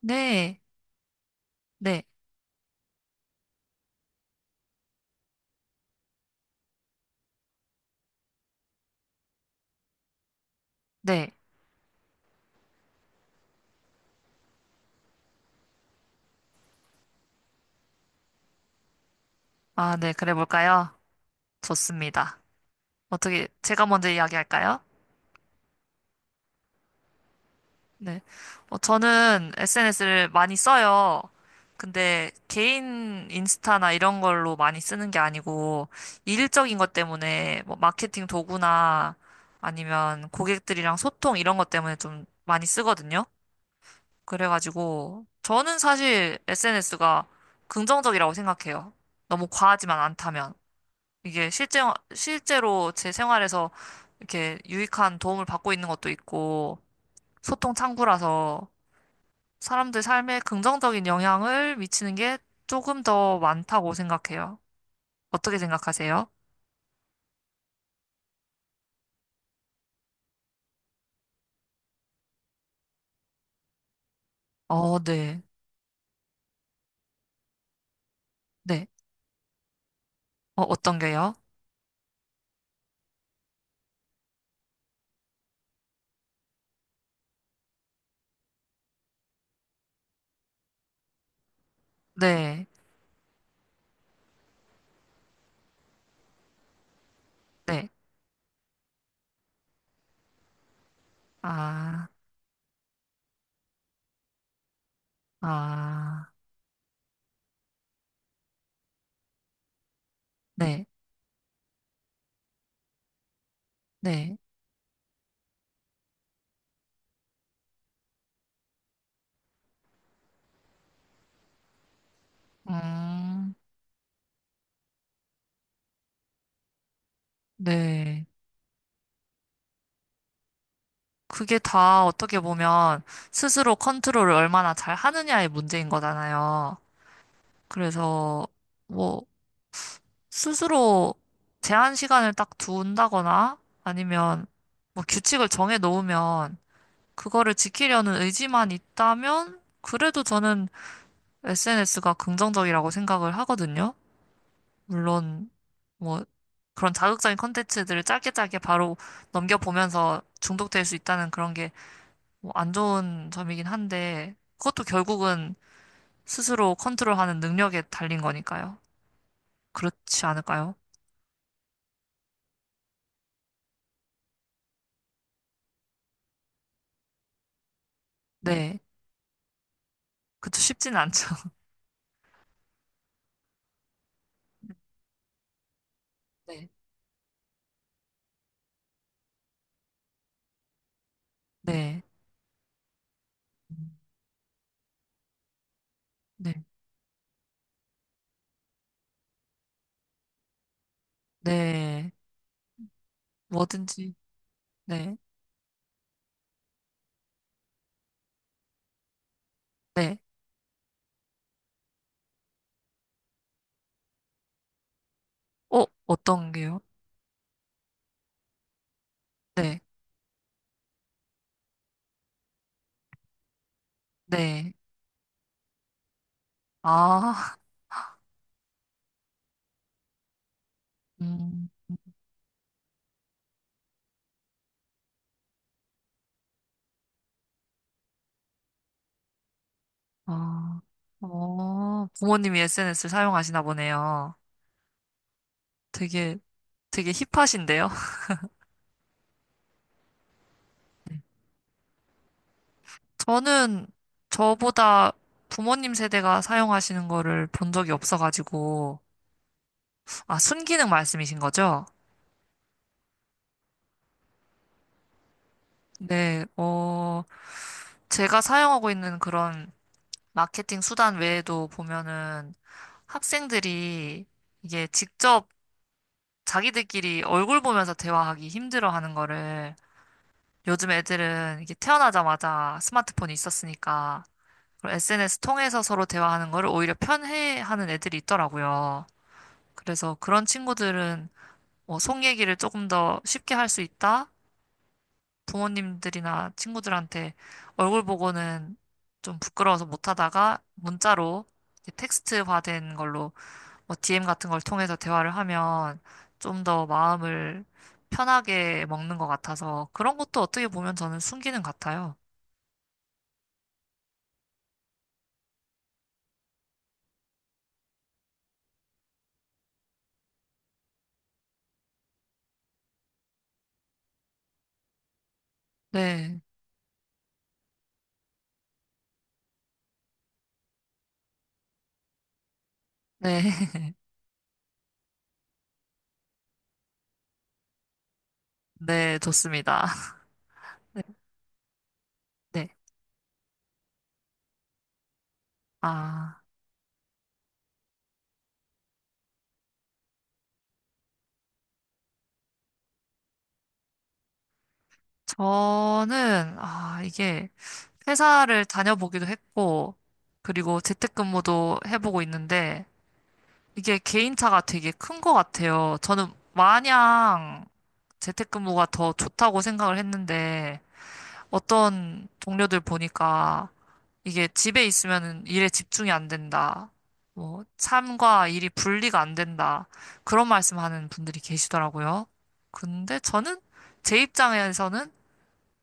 네, 네, 네. 아, 네, 그래 볼까요? 좋습니다. 어떻게, 제가 먼저 이야기할까요? 네. 저는 SNS를 많이 써요. 근데 개인 인스타나 이런 걸로 많이 쓰는 게 아니고, 일적인 것 때문에 뭐 마케팅 도구나 아니면 고객들이랑 소통 이런 것 때문에 좀 많이 쓰거든요. 그래가지고, 저는 사실 SNS가 긍정적이라고 생각해요. 너무 과하지만 않다면. 이게 실제, 실제로 제 생활에서 이렇게 유익한 도움을 받고 있는 것도 있고, 소통 창구라서 사람들 삶에 긍정적인 영향을 미치는 게 조금 더 많다고 생각해요. 어떻게 생각하세요? 어, 네. 네. 어떤 게요? 네. 네. 아, 아, 네. 네. 음, 네. 그게 다 어떻게 보면 스스로 컨트롤을 얼마나 잘 하느냐의 문제인 거잖아요. 그래서 뭐 스스로 제한 시간을 딱 두는다거나 아니면 뭐 규칙을 정해 놓으면 그거를 지키려는 의지만 있다면 그래도 저는 SNS가 긍정적이라고 생각을 하거든요. 물론 뭐 그런 자극적인 콘텐츠들을 짧게 짧게 바로 넘겨보면서 중독될 수 있다는 그런 게 뭐 안 좋은 점이긴 한데 그것도 결국은 스스로 컨트롤하는 능력에 달린 거니까요. 그렇지 않을까요? 네. 네. 그쵸, 쉽진 않죠. 네. 네. 네. 네. 뭐든지. 네. 네. 어떤 게요? 네. 네. 아, 음, 아, 어, 부모님이 SNS를 사용하시나 보네요. 되게, 되게 힙하신데요? 저는 저보다 부모님 세대가 사용하시는 거를 본 적이 없어가지고, 아, 순기능 말씀이신 거죠? 네, 제가 사용하고 있는 그런 마케팅 수단 외에도 보면은 학생들이 이게 직접 자기들끼리 얼굴 보면서 대화하기 힘들어 하는 거를 요즘 애들은 이게 태어나자마자 스마트폰이 있었으니까 그런 SNS 통해서 서로 대화하는 거를 오히려 편해하는 애들이 있더라고요. 그래서 그런 친구들은 뭐 속 얘기를 조금 더 쉽게 할 수 있다? 부모님들이나 친구들한테 얼굴 보고는 좀 부끄러워서 못 하다가 문자로 텍스트화된 걸로 뭐 DM 같은 걸 통해서 대화를 하면 좀 더 마음을 편하게 먹는 것 같아서 그런 것도 어떻게 보면 저는 순기능 같아요. 네, 네, 네, 좋습니다. 네, 네. 아, 저는, 이게 회사를 다녀보기도 했고, 그리고 재택근무도 해보고 있는데, 이게 개인차가 되게 큰 것 같아요. 저는 마냥 재택근무가 더 좋다고 생각을 했는데, 어떤 동료들 보니까 이게 집에 있으면 일에 집중이 안 된다. 뭐, 삶과 일이 분리가 안 된다. 그런 말씀하는 분들이 계시더라고요. 근데 저는 제 입장에서는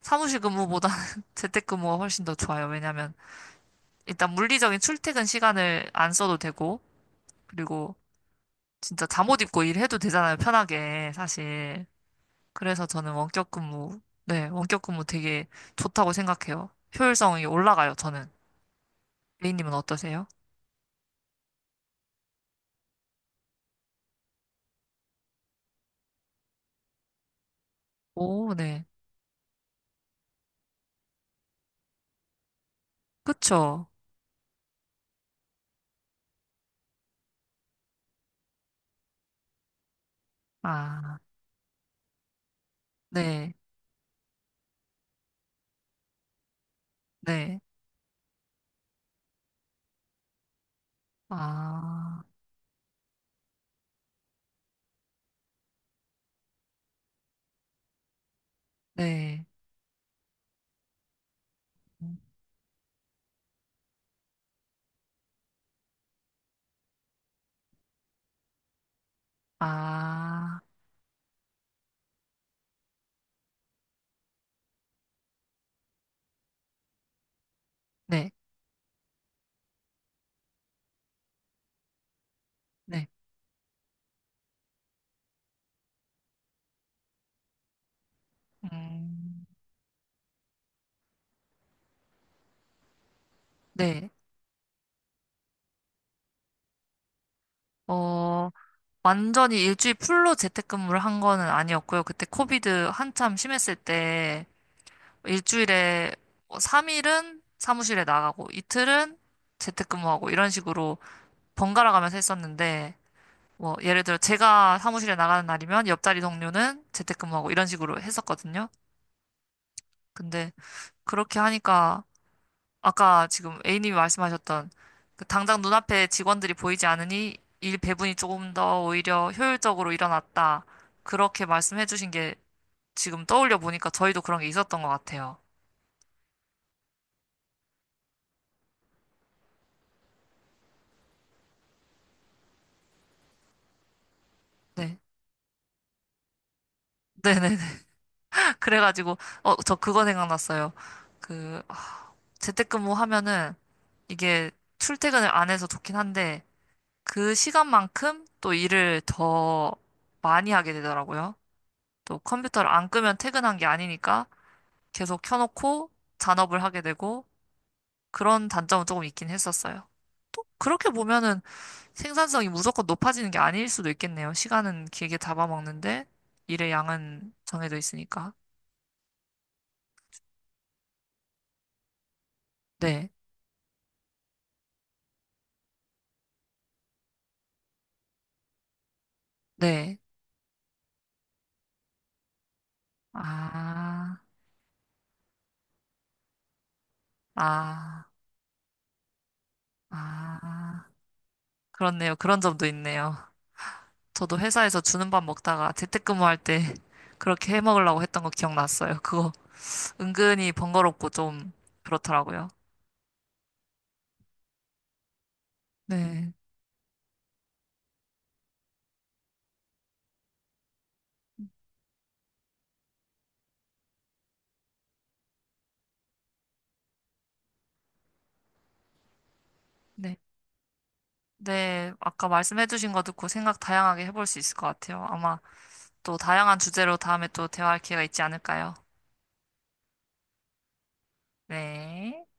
사무실 근무보다는 재택근무가 훨씬 더 좋아요. 왜냐면 일단 물리적인 출퇴근 시간을 안 써도 되고, 그리고 진짜 잠옷 입고 일해도 되잖아요. 편하게, 사실. 그래서 저는 원격 근무, 네, 원격 근무 되게 좋다고 생각해요. 효율성이 올라가요, 저는. A님은 어떠세요? 오, 네. 그쵸. 아, 네, 네. 아, 네. 음, 아, 네, 네. 음, 네. 어, 완전히 일주일 풀로 재택근무를 한 거는 아니었고요. 그때 코비드 한참 심했을 때 일주일에 3일은 사무실에 나가고 이틀은 재택근무하고 이런 식으로 번갈아 가면서 했었는데 뭐, 예를 들어 제가 사무실에 나가는 날이면 옆자리 동료는 재택근무하고 이런 식으로 했었거든요. 근데 그렇게 하니까 아까 지금 A님이 말씀하셨던 그 당장 눈앞에 직원들이 보이지 않으니 일 배분이 조금 더 오히려 효율적으로 일어났다. 그렇게 말씀해 주신 게 지금 떠올려 보니까 저희도 그런 게 있었던 것 같아요. 네. 네네네. 그래가지고, 저 그거 생각났어요. 그, 아, 재택근무 하면은 이게 출퇴근을 안 해서 좋긴 한데, 그 시간만큼 또 일을 더 많이 하게 되더라고요. 또 컴퓨터를 안 끄면 퇴근한 게 아니니까 계속 켜놓고 잔업을 하게 되고 그런 단점은 조금 있긴 했었어요. 그렇게 보면은 생산성이 무조건 높아지는 게 아닐 수도 있겠네요. 시간은 길게 잡아먹는데 일의 양은 정해져 있으니까. 네, 네. 아, 아, 아. 그렇네요. 그런 점도 있네요. 저도 회사에서 주는 밥 먹다가 재택근무할 때 그렇게 해 먹으려고 했던 거 기억났어요. 그거 은근히 번거롭고 좀 그렇더라고요. 네. 네. 네. 아까 말씀해주신 거 듣고 생각 다양하게 해볼 수 있을 것 같아요. 아마 또 다양한 주제로 다음에 또 대화할 기회가 있지 않을까요? 네.